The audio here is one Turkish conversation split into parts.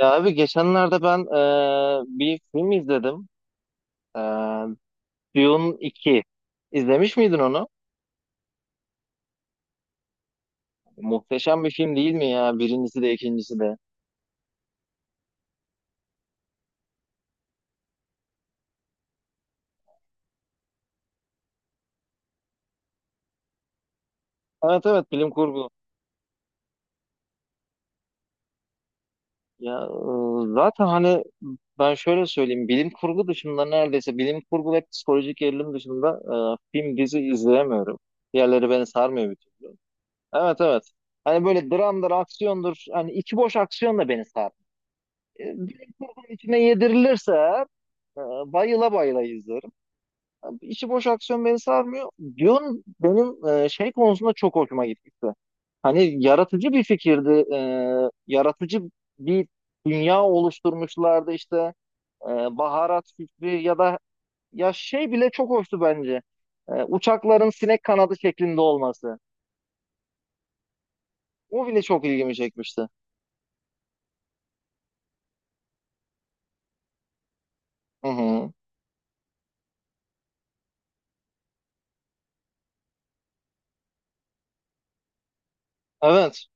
Ya abi geçenlerde ben bir film izledim. Eee Dune 2. İzlemiş miydin onu? Muhteşem bir film değil mi ya? Birincisi de ikincisi de. Evet, evet, bilim kurgu. Ya, zaten hani ben şöyle söyleyeyim. Bilim kurgu dışında, neredeyse bilim kurgu ve psikolojik gerilim dışında film dizi izleyemiyorum. Diğerleri beni sarmıyor bir türlü. Evet, evet. Hani böyle dramdır, aksiyondur. Hani içi boş aksiyon da beni sarmıyor. Bilim içine yedirilirse Ee, bayıla bayıla izlerim. Yani İçi boş aksiyon beni sarmıyor. Dune benim şey konusunda çok hoşuma gitmişti. Hani yaratıcı bir fikirdi. Yaratıcı bir dünya oluşturmuşlardı işte. Ee, Baharat fikri ya da ya şey bile çok hoştu bence. Uçakların sinek kanadı şeklinde olması. O bile çok ilgimi çekmişti. Hı hı. Evet.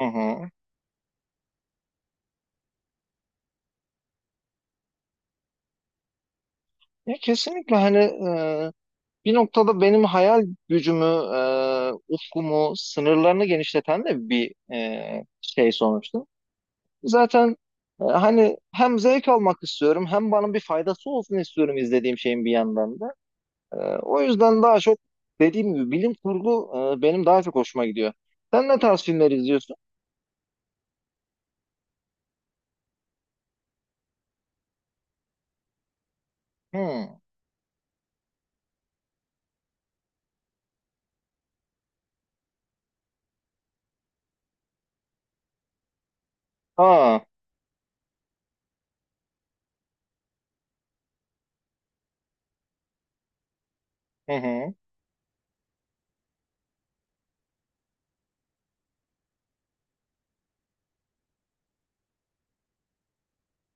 Hı hı. Ya kesinlikle hani bir noktada benim hayal gücümü, ufkumu, sınırlarını genişleten de bir şey sonuçta. Zaten hani hem zevk almak istiyorum hem bana bir faydası olsun istiyorum izlediğim şeyin bir yandan da. E, O yüzden daha çok dediğim gibi bilim kurgu benim daha çok hoşuma gidiyor. Sen ne tarz filmler izliyorsun? Hmm. Aa. Hı hı.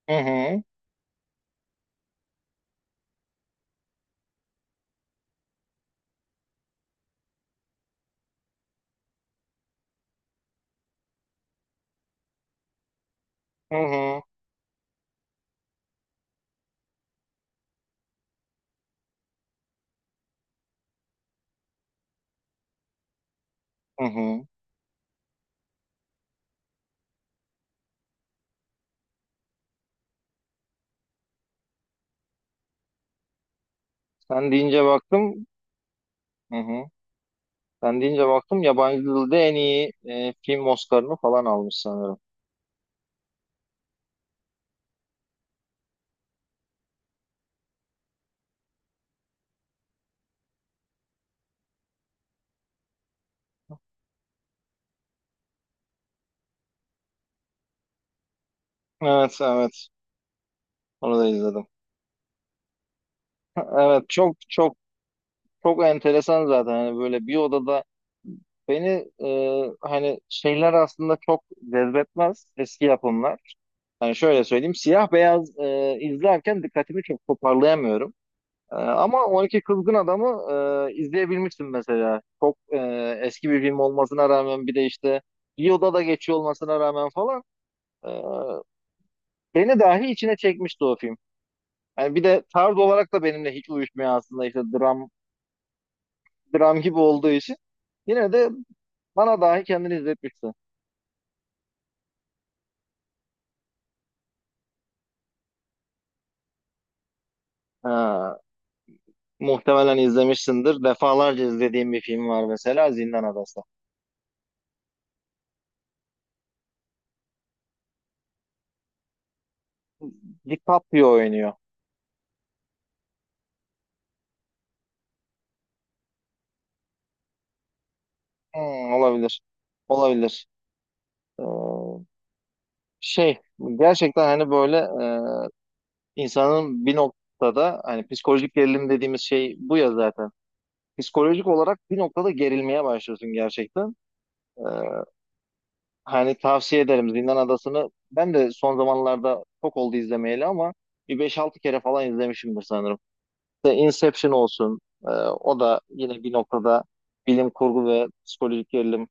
Hı hı. Hı hı. Hı hı. Sen deyince baktım. Hı hı. Sen deyince baktım, yabancı dilde en iyi film Oscar'ını falan almış sanırım. Evet, evet, onu da izledim. Evet, çok çok çok enteresan zaten, hani böyle bir odada beni hani şeyler aslında çok cezbetmez, eski yapımlar. Hani şöyle söyleyeyim, siyah beyaz izlerken dikkatimi çok toparlayamıyorum. Ama 12 Kızgın Adam'ı izleyebilmiştim mesela. Çok eski bir film olmasına rağmen, bir de işte bir odada geçiyor olmasına rağmen falan, Ee, beni dahi içine çekmişti o film. Yani bir de tarz olarak da benimle hiç uyuşmuyor aslında, işte dram gibi olduğu için. Yine de bana dahi kendini izletmişti. Ee, Muhtemelen izlemişsindir. Defalarca izlediğim bir film var mesela, Zindan Adası. DiCaprio oynuyor. Olabilir. Olabilir. Ee, Şey, gerçekten hani böyle insanın bir noktada, hani psikolojik gerilim dediğimiz şey bu ya zaten. Psikolojik olarak bir noktada gerilmeye başlıyorsun gerçekten. Ee, Hani tavsiye ederim Zindan Adası'nı. Ben de son zamanlarda çok oldu izlemeyeli, ama bir beş altı kere falan izlemişimdir sanırım. İşte Inception olsun. O da yine bir noktada bilim kurgu ve psikolojik gerilim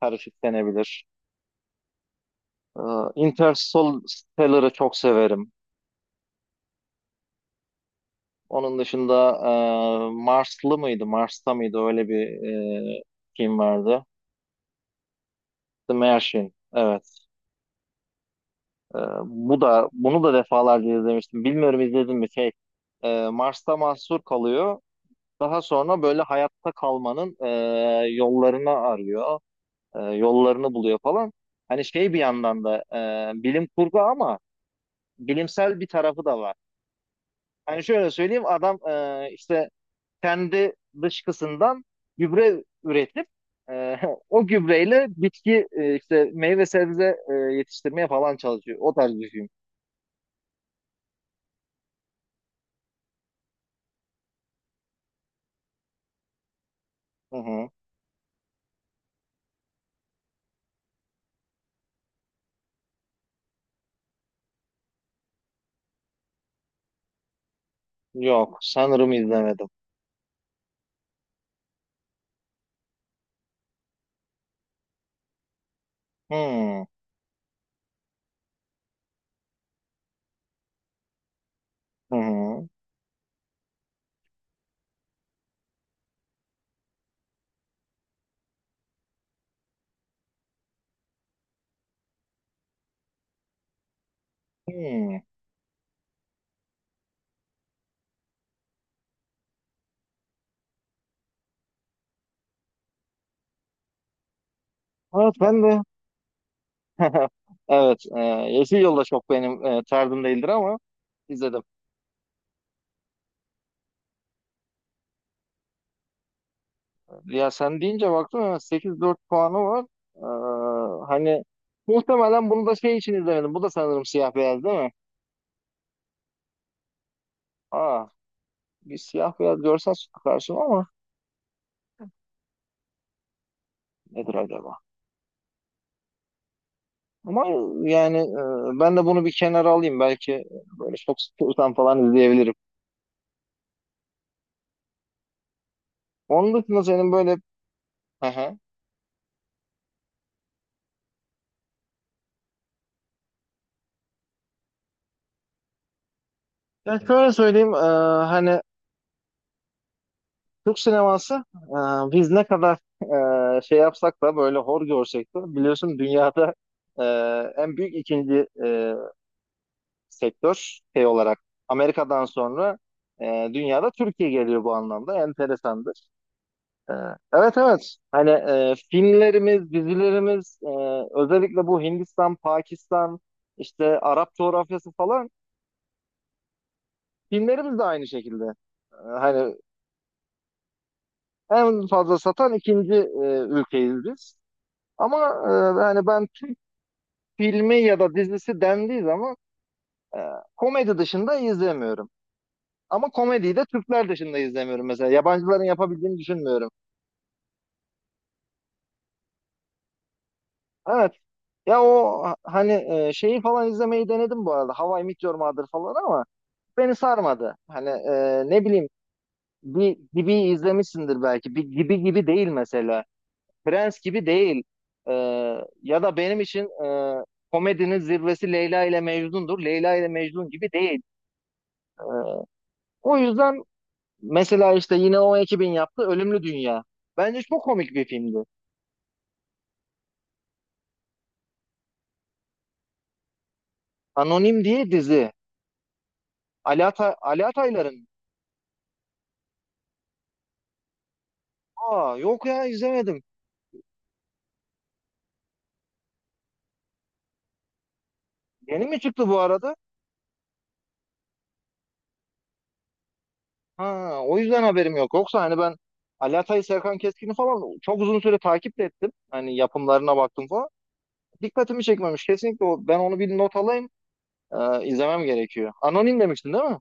karışık denebilir. Ee, Interstellar'ı çok severim. Onun dışında Marslı mıydı, Mars'ta mıydı, öyle bir e, film vardı. The Martian, evet. Ee, Bu da, bunu da defalarca izlemiştim. Bilmiyorum izledim mi şey. Mars'ta mahsur kalıyor. Daha sonra böyle hayatta kalmanın yollarını arıyor. Yollarını buluyor falan. Hani şey, bir yandan da bilim kurgu ama bilimsel bir tarafı da var. Hani şöyle söyleyeyim, adam işte kendi dışkısından gübre üretip e, o gübreyle bitki işte meyve sebze yetiştirmeye falan çalışıyor. O tarz bir film. Hı hı. Yok, sanırım izlemedim. Hmm. Hı hı. Hmm. Evet, ben de. Evet, Yeşil Yolda çok benim tarzım değildir ama izledim. Ya, sen deyince baktım ya, 8,4 puanı var. Hani muhtemelen bunu da şey için izlemedim. Bu da sanırım siyah beyaz değil mi? Aa, bir siyah beyaz görsen karşıma ama, nedir acaba? Ama yani ben de bunu bir kenara alayım. Belki böyle çok sıkılsam falan izleyebilirim. Onun dışında senin böyle Ben şöyle söyleyeyim, hani Türk sineması, biz ne kadar şey yapsak da, böyle hor görsek de, biliyorsun dünyada e, en büyük ikinci sektör şey olarak, Amerika'dan sonra dünyada Türkiye geliyor, bu anlamda enteresandır. E, evet, evet, hani filmlerimiz, dizilerimiz, özellikle bu Hindistan, Pakistan, işte Arap coğrafyası falan, filmlerimiz de aynı şekilde. Hani en fazla satan ikinci ülkeyiz biz. Ama e, hani ben Türk filmi ya da dizisi dendiği zaman e, komedi dışında izlemiyorum. Ama komediyi de Türkler dışında izlemiyorum mesela. Yabancıların yapabildiğini düşünmüyorum. Evet. Ya o hani şeyi falan izlemeyi denedim bu arada. How I Met Your Mother falan ama beni sarmadı. Hani ne bileyim, bir gibi izlemişsindir belki. Bir gibi gibi değil mesela. Prens gibi değil. Ee, Ya da benim için komedinin zirvesi Leyla ile Mecnun'dur. Leyla ile Mecnun gibi değil. O yüzden mesela işte yine o ekibin yaptığı Ölümlü Dünya. Bence çok komik bir filmdi. Anonim diye dizi. Ali Ataylar'ın. Aa, yok ya, izlemedim. Yeni mi çıktı bu arada? Ha, o yüzden haberim yok. Yoksa hani ben Ali Atay, Serkan Keskin'i falan çok uzun süre takip de ettim. Hani yapımlarına baktım falan. Dikkatimi çekmemiş. Kesinlikle o, ben onu bir not alayım. İzlemem gerekiyor. Anonim demiştin değil mi?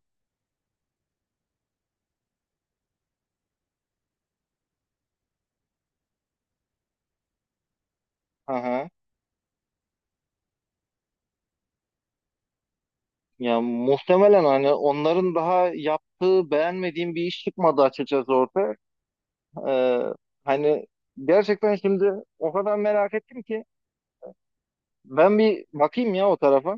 Hı hı. Ya muhtemelen hani onların daha yaptığı beğenmediğim bir iş çıkmadı açıkçası ortaya. Ee, Hani gerçekten şimdi o kadar merak ettim ki ben bir bakayım ya o tarafa.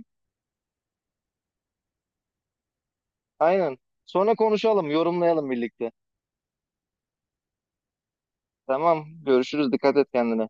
Aynen. Sonra konuşalım, yorumlayalım birlikte. Tamam, görüşürüz. Dikkat et kendine.